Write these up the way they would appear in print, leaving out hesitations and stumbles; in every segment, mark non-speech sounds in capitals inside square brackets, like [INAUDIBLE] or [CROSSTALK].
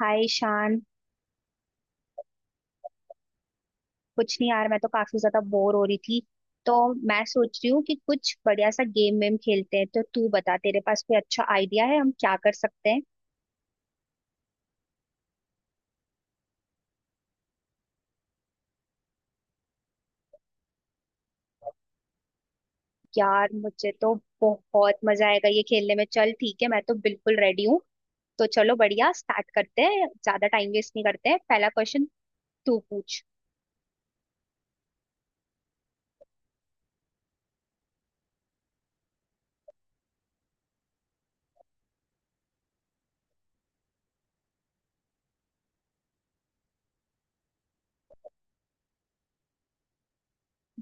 हाय शान। कुछ नहीं यार, मैं तो काफी ज्यादा बोर हो रही थी, तो मैं सोच रही हूँ कि कुछ बढ़िया सा गेम वेम खेलते हैं। तो तू बता, तेरे पास कोई अच्छा आइडिया है, हम क्या कर सकते हैं? यार, मुझे तो बहुत मजा आएगा ये खेलने में। चल ठीक है, मैं तो बिल्कुल रेडी हूँ। तो चलो बढ़िया स्टार्ट करते हैं, ज्यादा टाइम वेस्ट नहीं करते हैं। पहला क्वेश्चन तू पूछ।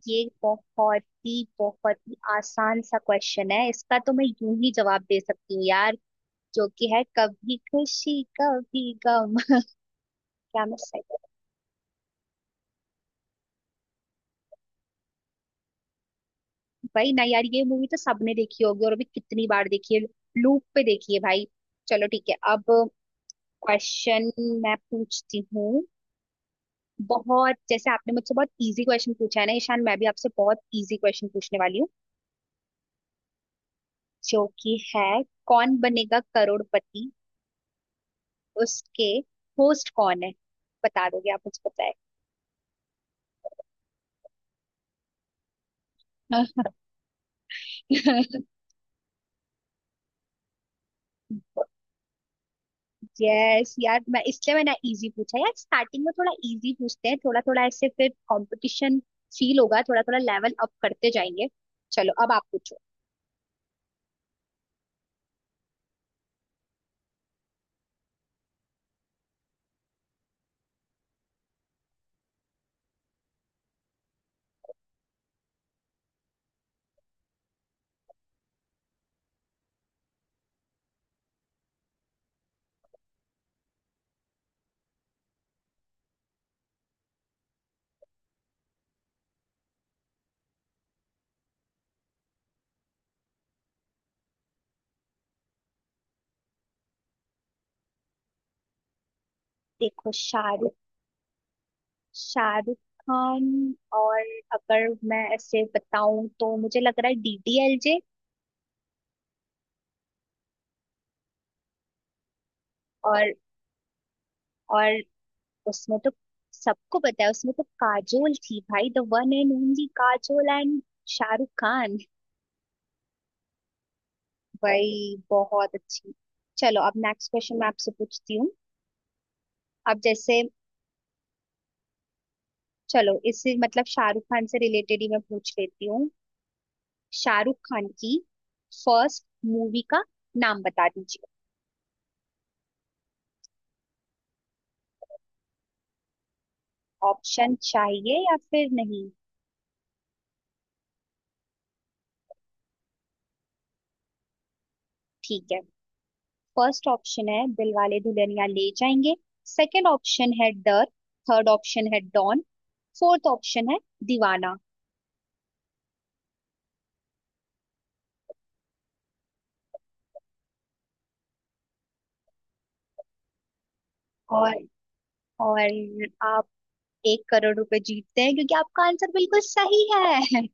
ये बहुत ही आसान सा क्वेश्चन है, इसका तो मैं यूं ही जवाब दे सकती हूँ यार। जो कि है कभी खुशी कभी गम। क्या मैं सही? भाई ना यार, ये मूवी तो सबने देखी होगी, और अभी कितनी बार देखी है। लूप पे देखी है भाई। चलो ठीक है, अब क्वेश्चन मैं पूछती हूँ। बहुत जैसे आपने मुझसे बहुत इजी क्वेश्चन पूछा है ना ईशान, मैं भी आपसे बहुत इजी क्वेश्चन पूछने वाली हूँ। जो कि है कौन बनेगा करोड़पति, उसके होस्ट कौन है? बता दोगे आप मुझे बताए? [LAUGHS] यस यार, मैं इसलिए मैंने इजी पूछा यार, स्टार्टिंग में थोड़ा इजी पूछते हैं, थोड़ा थोड़ा ऐसे, फिर कंपटीशन फील होगा, थोड़ा थोड़ा लेवल अप करते जाएंगे। चलो अब आप पूछो। देखो शाहरुख शाहरुख खान। और अगर मैं ऐसे बताऊं तो मुझे लग रहा है डीडीएलजे। और और उसमें तो सबको पता है, उसमें तो काजोल थी भाई, the one and only Kajol and Shahrukh Khan. भाई बहुत अच्छी। चलो अब नेक्स्ट क्वेश्चन मैं आपसे पूछती हूँ। अब जैसे, चलो इससे मतलब शाहरुख खान से रिलेटेड ही मैं पूछ लेती हूँ। शाहरुख खान की फर्स्ट मूवी का नाम बता दीजिए। ऑप्शन चाहिए या फिर नहीं? ठीक है, फर्स्ट ऑप्शन है दिलवाले दुल्हनिया ले जाएंगे, सेकंड ऑप्शन है डर, थर्ड ऑप्शन है डॉन, फोर्थ ऑप्शन है दीवाना। और और आप एक करोड़ रुपए जीतते हैं, क्योंकि आपका आंसर बिल्कुल सही है।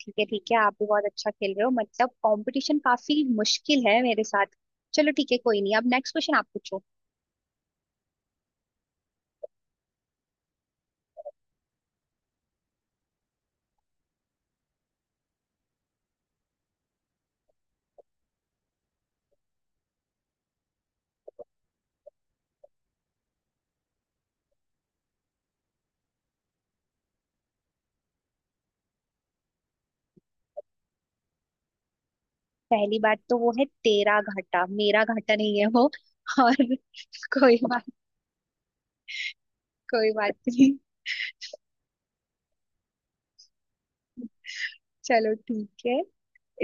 ठीक है ठीक है, आप भी बहुत अच्छा खेल रहे हो, मतलब कंपटीशन काफी मुश्किल है मेरे साथ। चलो ठीक है, कोई नहीं, अब नेक्स्ट क्वेश्चन आप पूछो। पहली बात तो वो है तेरा घाटा, मेरा घाटा नहीं है वो। और कोई बात कोई बात नहीं। चलो ठीक है,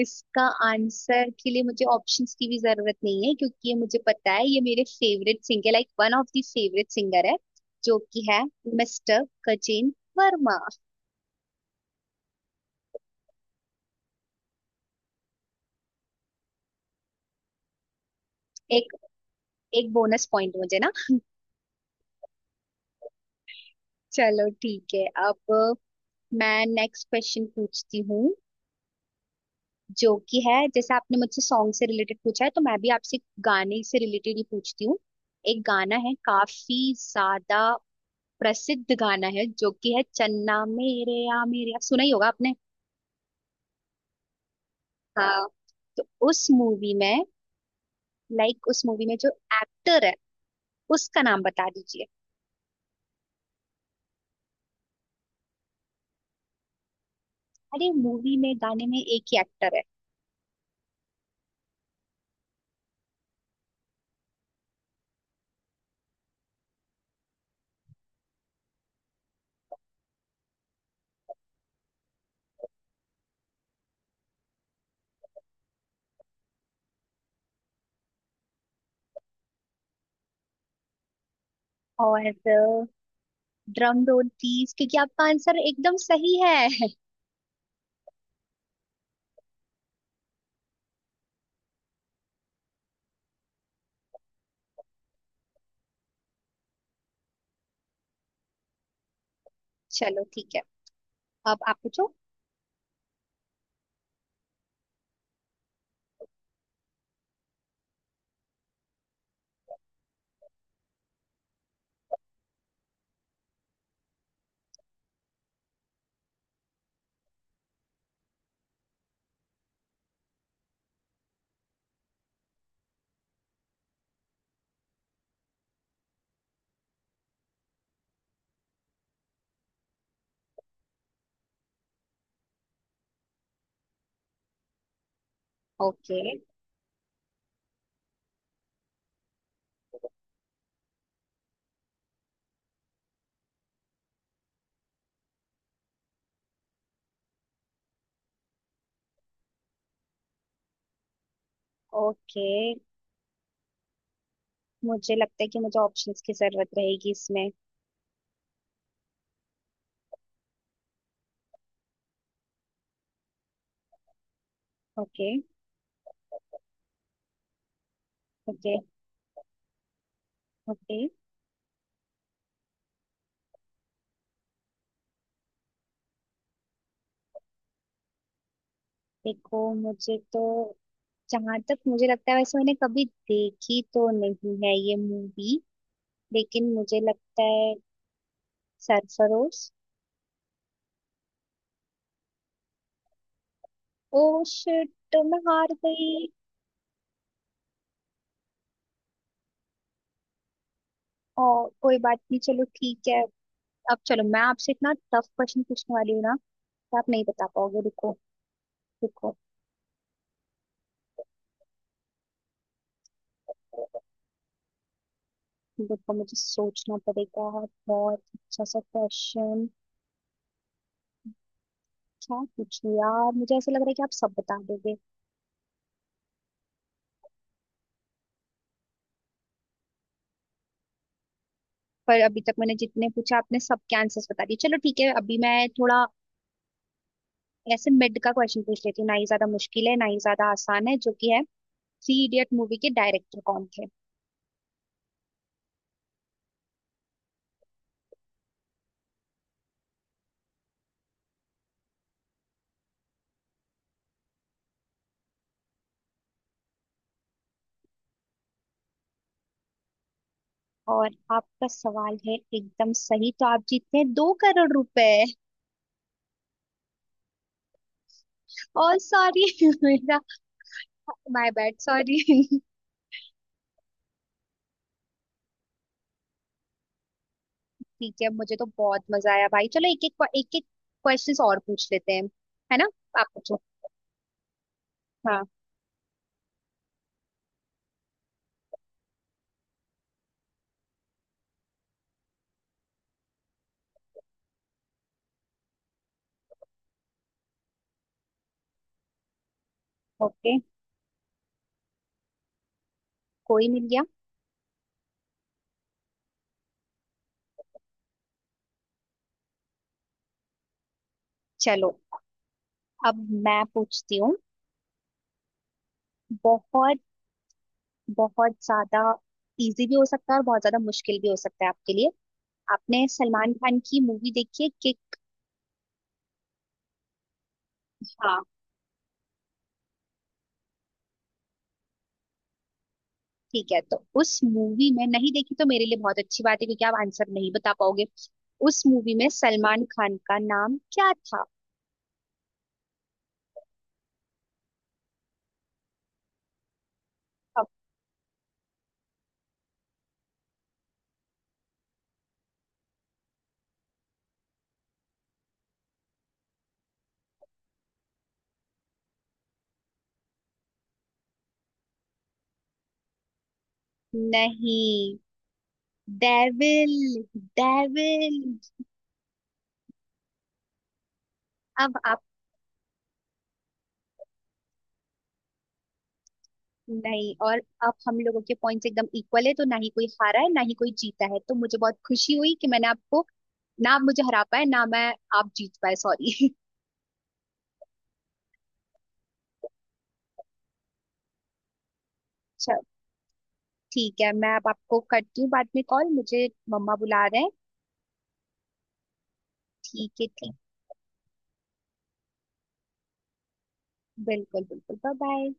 इसका आंसर के लिए मुझे ऑप्शंस की भी जरूरत नहीं है, क्योंकि ये मुझे पता है। ये मेरे favourite singer, like one of the favourite singer है, जो कि है मिस्टर गजेंद्र वर्मा। एक एक बोनस पॉइंट मुझे ना। चलो ठीक है, अब मैं नेक्स्ट क्वेश्चन पूछती हूँ। जो कि है, जैसे आपने मुझसे सॉन्ग से रिलेटेड पूछा है, तो मैं भी आपसे गाने से रिलेटेड ही पूछती हूँ। एक गाना है, काफी ज्यादा प्रसिद्ध गाना है, जो कि है चन्ना मेरे या मेरे या, सुना ही होगा आपने। हाँ, तो उस मूवी में, लाइक उस मूवी में जो एक्टर है, उसका नाम बता दीजिए। अरे मूवी में गाने में एक ही एक्टर है। और ड्रम रोल प्लीज, क्योंकि आपका आंसर एकदम सही है। [LAUGHS] चलो ठीक है, अब आप पूछो। ओके ओके, मुझे लगता है कि मुझे ऑप्शंस की जरूरत रहेगी इसमें। ओके ओके ओके, देखो मुझे तो, जहां तक मुझे लगता है, वैसे मैंने कभी देखी तो नहीं है ये मूवी, लेकिन मुझे लगता है सरफरोश। ओ शिट, तो मैं हार गई। और कोई बात नहीं, चलो ठीक है। अब चलो मैं आपसे इतना टफ क्वेश्चन पूछने वाली हूँ ना, कि आप नहीं बता पाओगे। रुको रुको रुको, मुझे सोचना पड़ेगा। बहुत अच्छा सा क्वेश्चन क्या पूछूं यार, मुझे ऐसा लग रहा है कि आप सब बता दोगे। पर अभी तक मैंने जितने पूछा, आपने सबके आंसर्स बता दिए। चलो ठीक है, अभी मैं थोड़ा ऐसे मिड का क्वेश्चन पूछ लेती हूँ, ना ही ज्यादा मुश्किल है, ना ही ज्यादा आसान है। जो कि है थ्री इडियट मूवी के डायरेक्टर कौन थे? और आपका सवाल है एकदम सही, तो आप जीतते हैं दो करोड़ रुपए। और सॉरी [LAUGHS] मेरा, माय बैड सॉरी। ठीक है, मुझे तो बहुत मजा आया भाई। चलो एक एक एक एक क्वेश्चन और पूछ लेते हैं, है ना? आप पूछो। हाँ। ओके, कोई मिल गया। चलो अब मैं पूछती हूँ। बहुत, बहुत ज्यादा इजी भी हो सकता है, और बहुत ज्यादा मुश्किल भी हो सकता है आपके लिए। आपने सलमान खान की मूवी देखी है किक? हाँ, ठीक है, तो उस मूवी में, नहीं देखी तो मेरे लिए बहुत अच्छी बात है, क्योंकि आप आंसर नहीं बता पाओगे। उस मूवी में सलमान खान का नाम क्या था? अब नहीं, डेविल डेविल। अब आप नहीं, और अब हम लोगों के पॉइंट्स एकदम इक्वल है, तो ना ही कोई हारा है, ना ही कोई जीता है। तो मुझे बहुत खुशी हुई कि मैंने आपको, ना आप मुझे हरा पाए, ना मैं, आप जीत पाए सॉरी। [LAUGHS] ठीक है, मैं अब आपको करती हूँ बाद में कॉल, मुझे मम्मा बुला रहे हैं। ठीक है, ठीक। बिल्कुल बिल्कुल, बाय बाय।